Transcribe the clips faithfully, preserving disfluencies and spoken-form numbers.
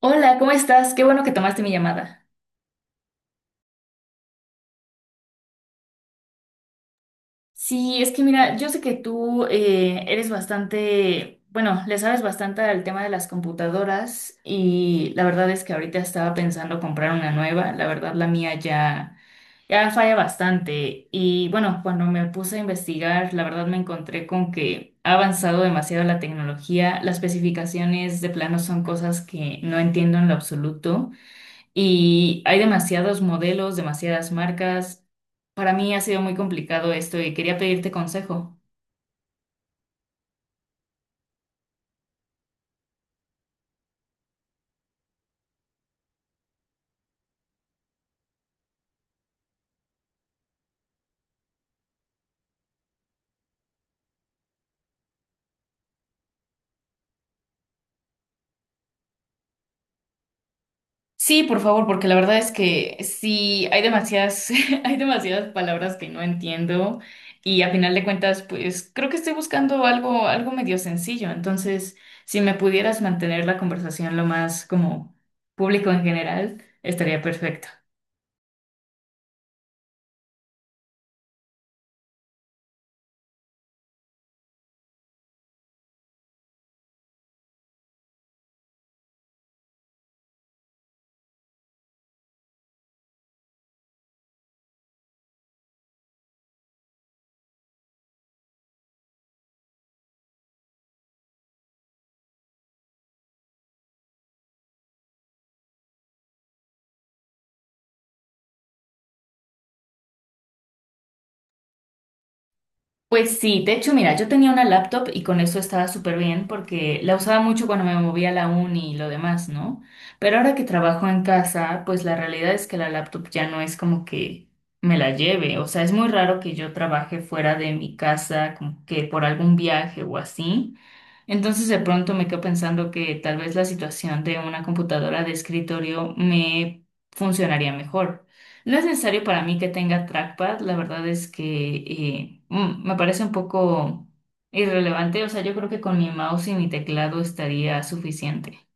Hola, ¿cómo estás? Qué bueno que tomaste mi llamada. Sí, es que mira, yo sé que tú eh, eres bastante, bueno, le sabes bastante al tema de las computadoras y la verdad es que ahorita estaba pensando comprar una nueva. La verdad, la mía ya, ya falla bastante. Y bueno, cuando me puse a investigar, la verdad me encontré con que ha avanzado demasiado la tecnología. Las especificaciones de plano son cosas que no entiendo en lo absoluto. Y hay demasiados modelos, demasiadas marcas. Para mí ha sido muy complicado esto y quería pedirte consejo. Sí, por favor, porque la verdad es que sí, hay demasiadas, hay demasiadas palabras que no entiendo y a final de cuentas, pues creo que estoy buscando algo, algo medio sencillo. Entonces, si me pudieras mantener la conversación lo más como público en general, estaría perfecto. Pues sí, de hecho, mira, yo tenía una laptop y con eso estaba súper bien porque la usaba mucho cuando me movía a la uni y lo demás, ¿no? Pero ahora que trabajo en casa, pues la realidad es que la laptop ya no es como que me la lleve. O sea, es muy raro que yo trabaje fuera de mi casa, como que por algún viaje o así. Entonces de pronto me quedo pensando que tal vez la situación de una computadora de escritorio me funcionaría mejor. No es necesario para mí que tenga trackpad, la verdad es que eh, mm, me parece un poco irrelevante, o sea, yo creo que con mi mouse y mi teclado estaría suficiente.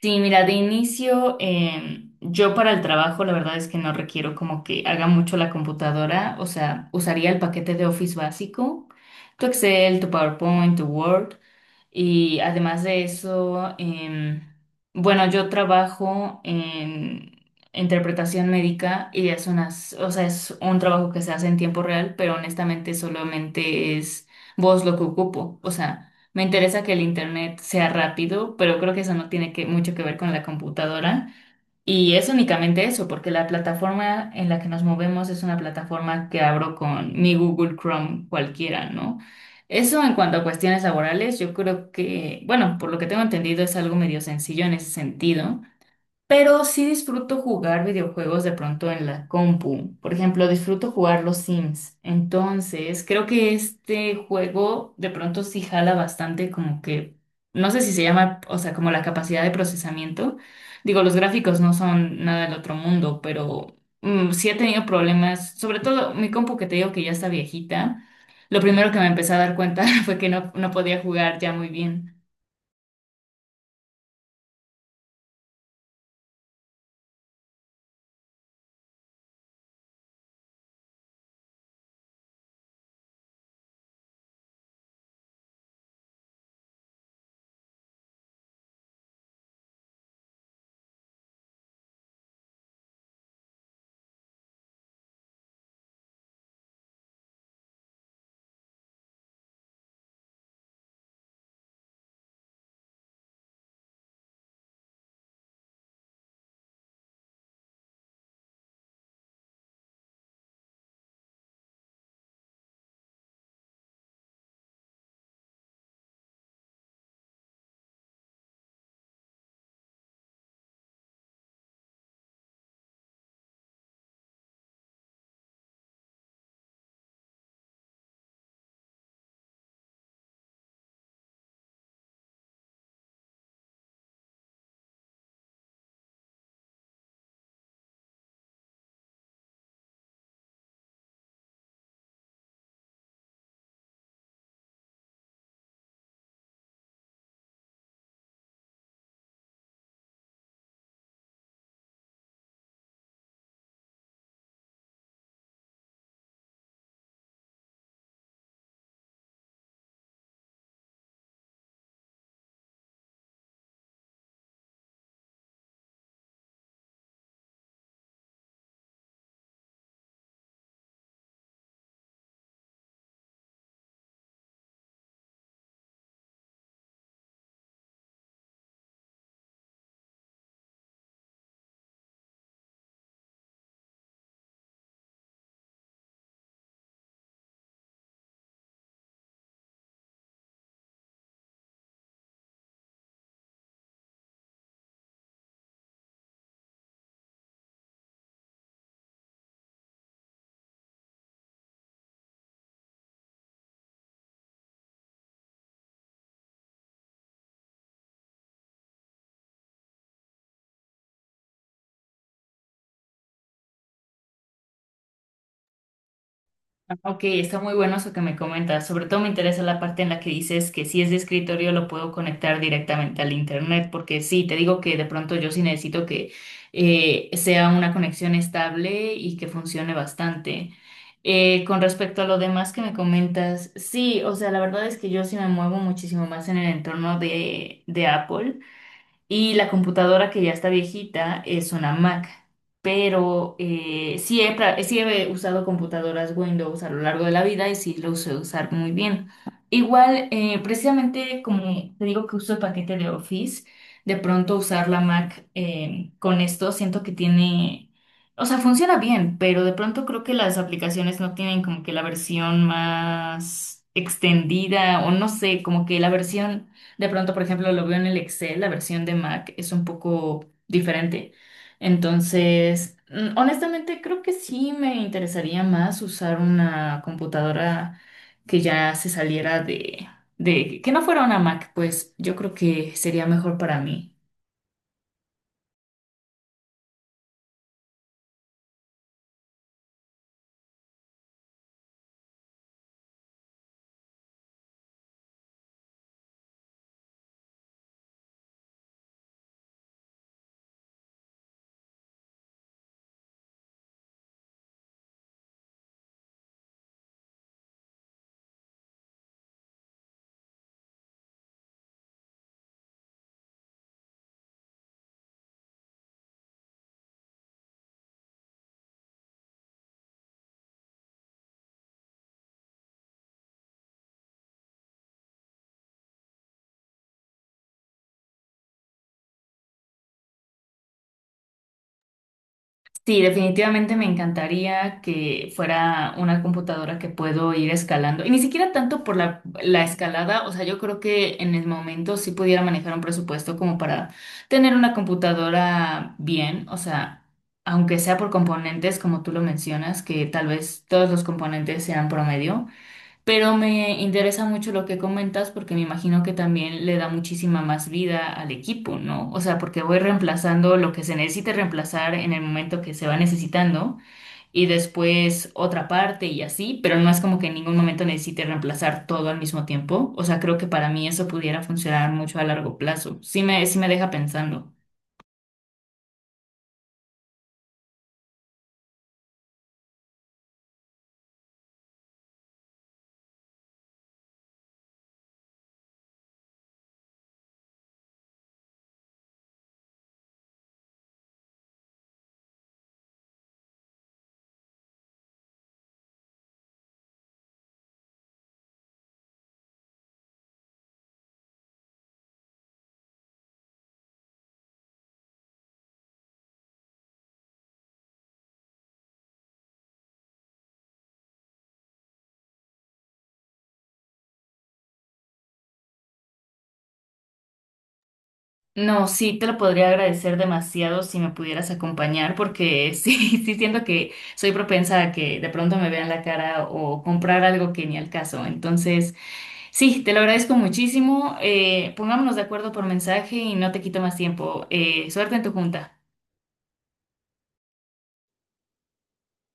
Sí, mira, de inicio, eh, yo para el trabajo la verdad es que no requiero como que haga mucho la computadora, o sea, usaría el paquete de Office básico, tu Excel, tu PowerPoint, tu Word, y además de eso, em, bueno, yo trabajo en interpretación médica y es unas, o sea, es un trabajo que se hace en tiempo real, pero honestamente solamente es voz lo que ocupo, o sea. Me interesa que el internet sea rápido, pero creo que eso no tiene que, mucho que ver con la computadora. Y es únicamente eso, porque la plataforma en la que nos movemos es una plataforma que abro con mi Google Chrome cualquiera, ¿no? Eso en cuanto a cuestiones laborales, yo creo que, bueno, por lo que tengo entendido es algo medio sencillo en ese sentido. Pero sí disfruto jugar videojuegos de pronto en la compu. Por ejemplo, disfruto jugar los Sims. Entonces, creo que este juego de pronto sí jala bastante como que, no sé si se llama, o sea, como la capacidad de procesamiento. Digo, los gráficos no son nada del otro mundo, pero mm, sí he tenido problemas. Sobre todo mi compu que te digo que ya está viejita. Lo primero que me empecé a dar cuenta fue que no, no podía jugar ya muy bien. Ok, está muy bueno eso que me comentas. Sobre todo me interesa la parte en la que dices que si es de escritorio lo puedo conectar directamente al internet, porque sí, te digo que de pronto yo sí necesito que eh, sea una conexión estable y que funcione bastante. Eh, con respecto a lo demás que me comentas, sí, o sea, la verdad es que yo sí me muevo muchísimo más en el entorno de, de Apple. Y la computadora que ya está viejita es una Mac, pero eh, sí, he, pra- sí he usado computadoras Windows a lo largo de la vida y sí lo sé usar muy bien. Igual, eh, precisamente como te digo que uso el paquete de Office, de pronto usar la Mac eh, con esto siento que tiene, o sea, funciona bien, pero de pronto creo que las aplicaciones no tienen como que la versión más extendida o no sé, como que la versión... De pronto, por ejemplo, lo veo en el Excel, la versión de Mac es un poco diferente. Entonces, mm, honestamente, creo que sí me interesaría más usar una computadora que ya se saliera de, de, que no fuera una Mac, pues yo creo que sería mejor para mí. Sí, definitivamente me encantaría que fuera una computadora que puedo ir escalando. Y ni siquiera tanto por la, la escalada, o sea, yo creo que en el momento sí pudiera manejar un presupuesto como para tener una computadora bien, o sea, aunque sea por componentes, como tú lo mencionas, que tal vez todos los componentes sean promedio. Pero me interesa mucho lo que comentas porque me imagino que también le da muchísima más vida al equipo, ¿no? O sea, porque voy reemplazando lo que se necesite reemplazar en el momento que se va necesitando y después otra parte y así, pero no es como que en ningún momento necesite reemplazar todo al mismo tiempo. O sea, creo que para mí eso pudiera funcionar mucho a largo plazo. Sí me, sí me deja pensando. No, sí, te lo podría agradecer demasiado si me pudieras acompañar, porque sí, sí siento que soy propensa a que de pronto me vean la cara o comprar algo que ni al caso. Entonces, sí, te lo agradezco muchísimo. Eh, pongámonos de acuerdo por mensaje y no te quito más tiempo. Eh, suerte en tu junta.